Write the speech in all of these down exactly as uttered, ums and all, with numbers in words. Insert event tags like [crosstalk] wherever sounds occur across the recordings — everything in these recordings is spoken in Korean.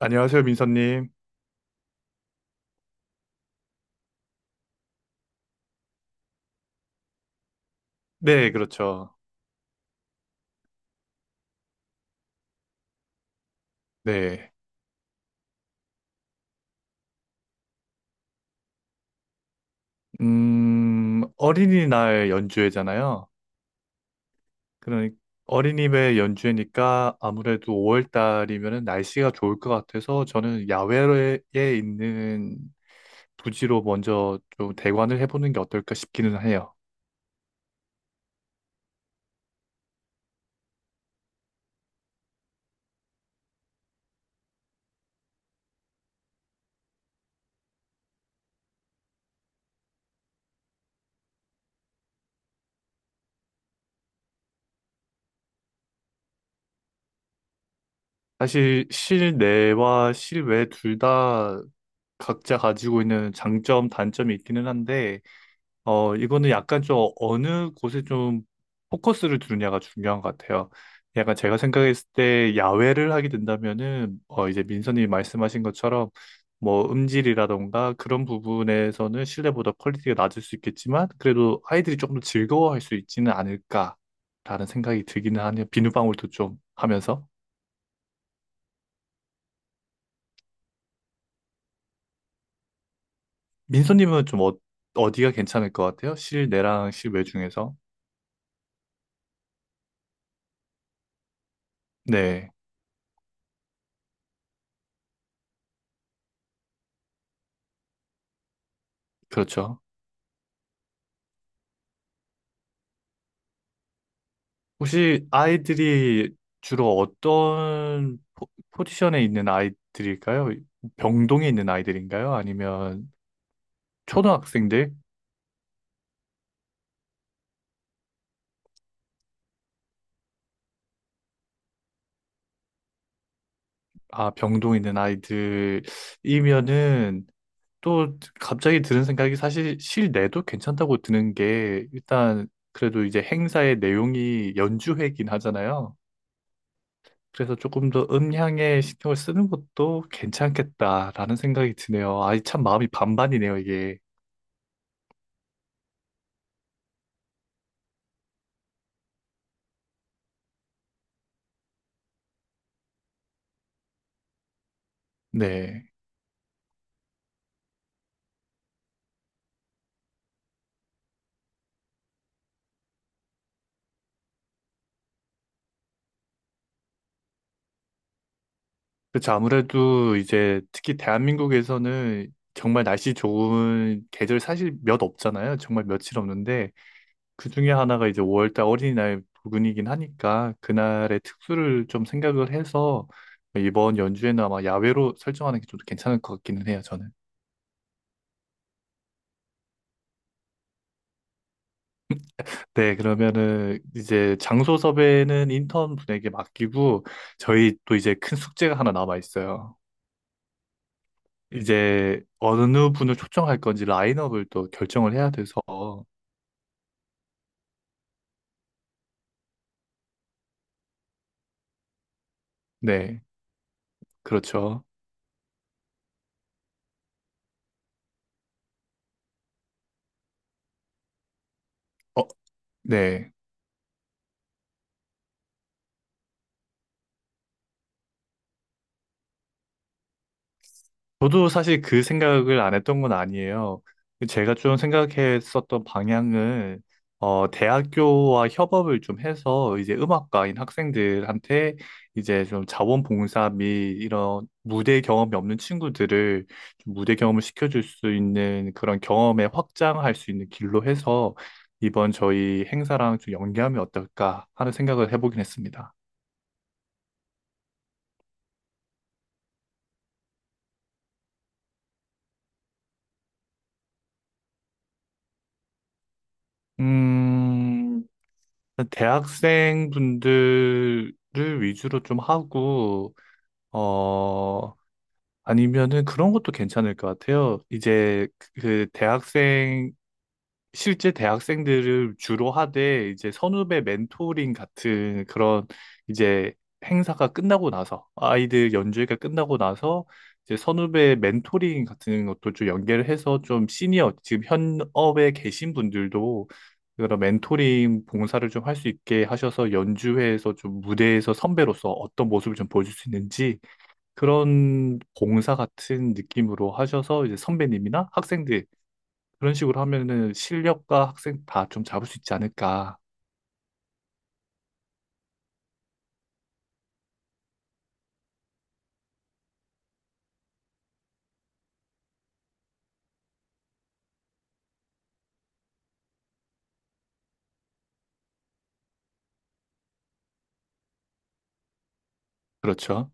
안녕하세요, 민서님. 네, 그렇죠. 네. 음, 어린이날 연주회잖아요. 그러니 어린이날 연주회니까 아무래도 오월 달이면 날씨가 좋을 것 같아서 저는 야외에 있는 부지로 먼저 좀 대관을 해보는 게 어떨까 싶기는 해요. 사실 실내와 실외 둘 다 각자 가지고 있는 장점, 단점이 있기는 한데 어, 이거는 약간 좀 어느 곳에 좀 포커스를 두느냐가 중요한 것 같아요. 약간 제가 생각했을 때 야외를 하게 된다면은, 어, 이제 민선님이 말씀하신 것처럼 뭐 음질이라던가 그런 부분에서는 실내보다 퀄리티가 낮을 수 있겠지만, 그래도 아이들이 조금 더 즐거워할 수 있지는 않을까라는 생각이 들기는 하네요. 비누방울도 좀 하면서. 민선님은 좀 어, 어디가 괜찮을 것 같아요? 실내랑 실외 중에서. 네, 그렇죠. 혹시 아이들이 주로 어떤 포, 포지션에 있는 아이들일까요? 병동에 있는 아이들인가요? 아니면 초등학생들? 아, 병동에 있는 아이들이면은 또 갑자기 드는 생각이 사실 실내도 괜찮다고 드는 게 일단 그래도 이제 행사의 내용이 연주회긴 하잖아요. 그래서 조금 더 음향에 신경을 쓰는 것도 괜찮겠다라는 생각이 드네요. 아이 참 마음이 반반이네요, 이게. 네. 그렇죠. 아무래도 이제 특히 대한민국에서는 정말 날씨 좋은 계절 사실 몇 없잖아요. 정말 며칠 없는데 그 중에 하나가 이제 오월달 어린이날 부근이긴 하니까 그날의 특수를 좀 생각을 해서 이번 연주에는 아마 야외로 설정하는 게 좀 괜찮을 것 같기는 해요. 저는. 네, 그러면은 이제 장소 섭외는 인턴 분에게 맡기고 저희 또 이제 큰 숙제가 하나 남아 있어요. 이제 어느 분을 초청할 건지 라인업을 또 결정을 해야 돼서 네, 그렇죠. 어, 네. 저도 사실 그 생각을 안 했던 건 아니에요. 제가 좀 생각했었던 방향은, 어, 대학교와 협업을 좀 해서 이제 음악과인 학생들한테 이제 좀 자원봉사 및 이런 무대 경험이 없는 친구들을 좀 무대 경험을 시켜줄 수 있는 그런 경험에 확장할 수 있는 길로 해서 이번 저희 행사랑 좀 연계하면 어떨까 하는 생각을 해보긴 했습니다. 음, 대학생 분들을 위주로 좀 하고, 어, 아니면은 그런 것도 괜찮을 것 같아요. 이제 그 실제 대학생들을 주로 하되 이제 선후배 멘토링 같은 그런 이제 행사가 끝나고 나서 아이들 연주회가 끝나고 나서 이제 선후배 멘토링 같은 것도 좀 연계를 해서 좀 시니어 지금 현업에 계신 분들도 그런 멘토링 봉사를 좀 할 수 있게 하셔서 연주회에서 좀 무대에서 선배로서 어떤 모습을 좀 보여줄 수 있는지 그런 봉사 같은 느낌으로 하셔서 이제 선배님이나 학생들 그런 식으로 하면은 실력과 학생 다 좀 잡을 수 있지 않을까. 그렇죠.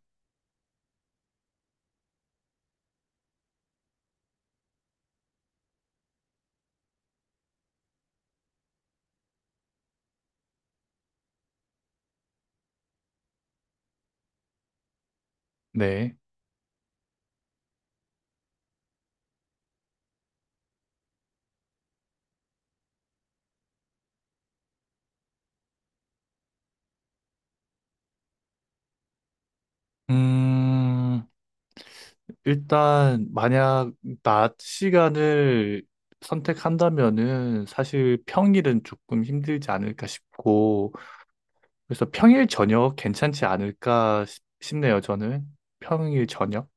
네. 음, 일단, 만약 낮 시간을 선택한다면은 사실 평일은 조금 힘들지 않을까 싶고, 그래서 평일 저녁 괜찮지 않을까 싶- 싶네요, 저는. 평일 저녁?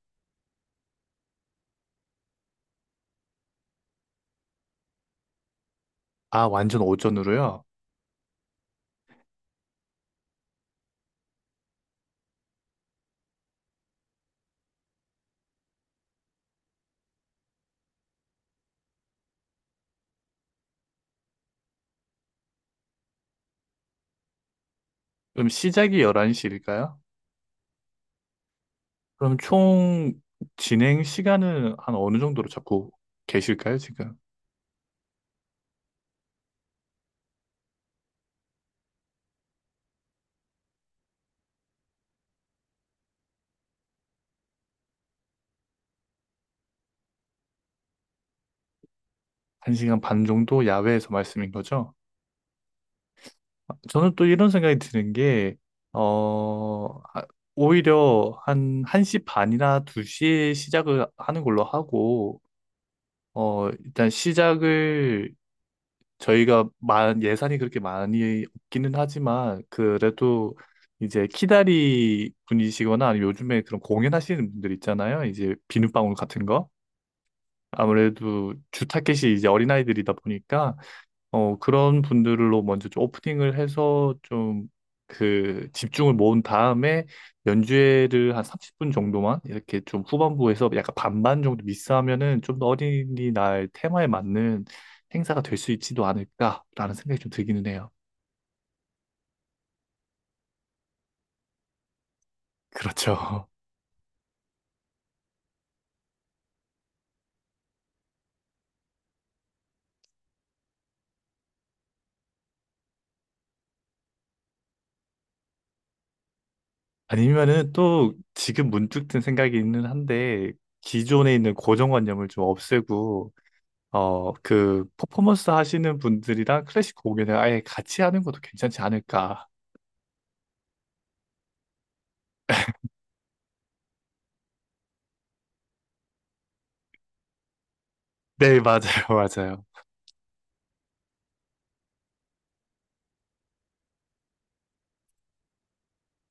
아, 완전 오전으로요? 그럼 시작이 열한 시일까요? 그럼 총 진행 시간은 한 어느 정도로 잡고 계실까요, 지금? 한 시간 반 정도 야외에서 말씀인 거죠? 저는 또 이런 생각이 드는 게, 어, 아, 오히려 한 1시 반이나 두 시에 시작을 하는 걸로 하고, 어, 일단 시작을 저희가 마, 예산이 그렇게 많이 없기는 하지만, 그래도 이제 키다리 분이시거나 아니면 요즘에 그런 공연하시는 분들 있잖아요. 이제 비눗방울 같은 거. 아무래도 주 타겟이 이제 어린아이들이다 보니까, 어, 그런 분들로 먼저 좀 오프닝을 해서 좀 그 집중을 모은 다음에 연주회를 한 삼십 분 정도만 이렇게 좀 후반부에서 약간 반반 정도 미스하면은 좀 더 어린이날 테마에 맞는 행사가 될 수 있지도 않을까라는 생각이 좀 들기는 해요. 그렇죠. [laughs] 아니면은 또 지금 문득 든 생각이는 한데 기존에 있는 고정관념을 좀 없애고 어, 그 퍼포먼스 하시는 분들이랑 클래식 공연을 아예 같이 하는 것도 괜찮지 않을까. 네, [laughs] 맞아요, 맞아요.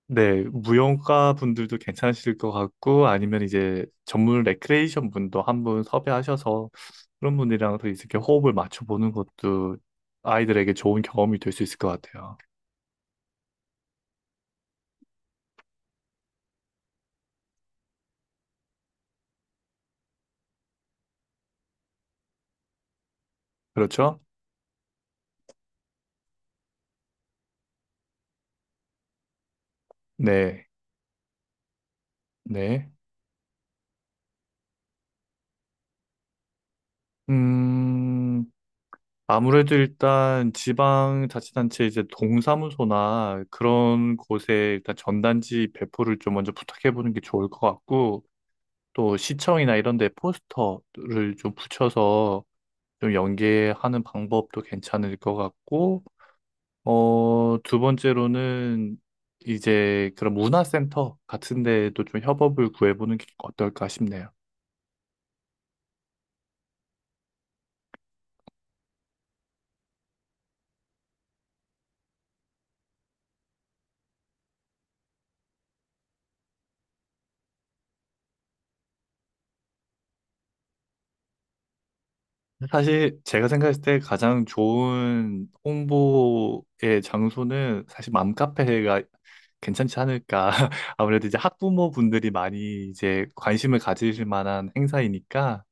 네, 무용가 분들도 괜찮으실 것 같고, 아니면 이제 전문 레크레이션 분도 한 분 섭외하셔서 그런 분들이랑 더 이렇게 호흡을 맞춰보는 것도 아이들에게 좋은 경험이 될 수 있을 것 같아요. 그렇죠? 네, 네. 음, 아무래도 일단 지방자치단체 이제 동사무소나 그런 곳에 일단 전단지 배포를 좀 먼저 부탁해보는 게 좋을 것 같고, 또 시청이나 이런 데 포스터를 좀 붙여서 좀 연계하는 방법도 괜찮을 것 같고, 어, 두 번째로는 이제 그런 문화센터 같은 데에도 좀 협업을 구해보는 게 어떨까 싶네요. 사실 제가 생각했을 때 가장 좋은 홍보의 장소는 사실 맘카페가 괜찮지 않을까. [laughs] 아무래도 이제 학부모분들이 많이 이제 관심을 가지실 만한 행사이니까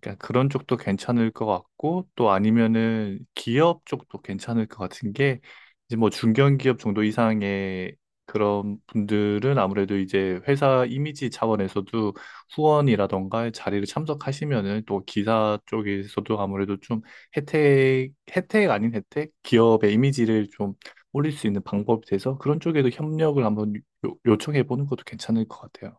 그러니까 그런 쪽도 괜찮을 것 같고 또 아니면은 기업 쪽도 괜찮을 것 같은 게 이제 뭐 중견기업 정도 이상의 그런 분들은 아무래도 이제 회사 이미지 차원에서도 후원이라던가 자리를 참석하시면은 또 기사 쪽에서도 아무래도 좀 혜택, 혜택 아닌 혜택? 기업의 이미지를 좀 올릴 수 있는 방법이 돼서 그런 쪽에도 협력을 한번 요, 요청해 보는 것도 괜찮을 것 같아요.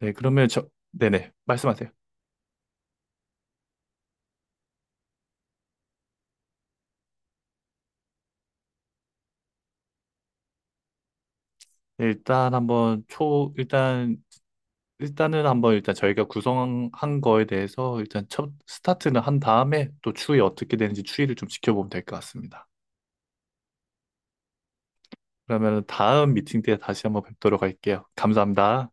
네, 그러면 저, 네네, 말씀하세요. 일단 한번 초, 일단, 일단은 한번 일단 저희가 구성한 거에 대해서 일단 첫 스타트는 한 다음에 또 추이 어떻게 되는지 추이를 좀 지켜보면 될 것 같습니다. 그러면 다음 미팅 때 다시 한번 뵙도록 할게요. 감사합니다.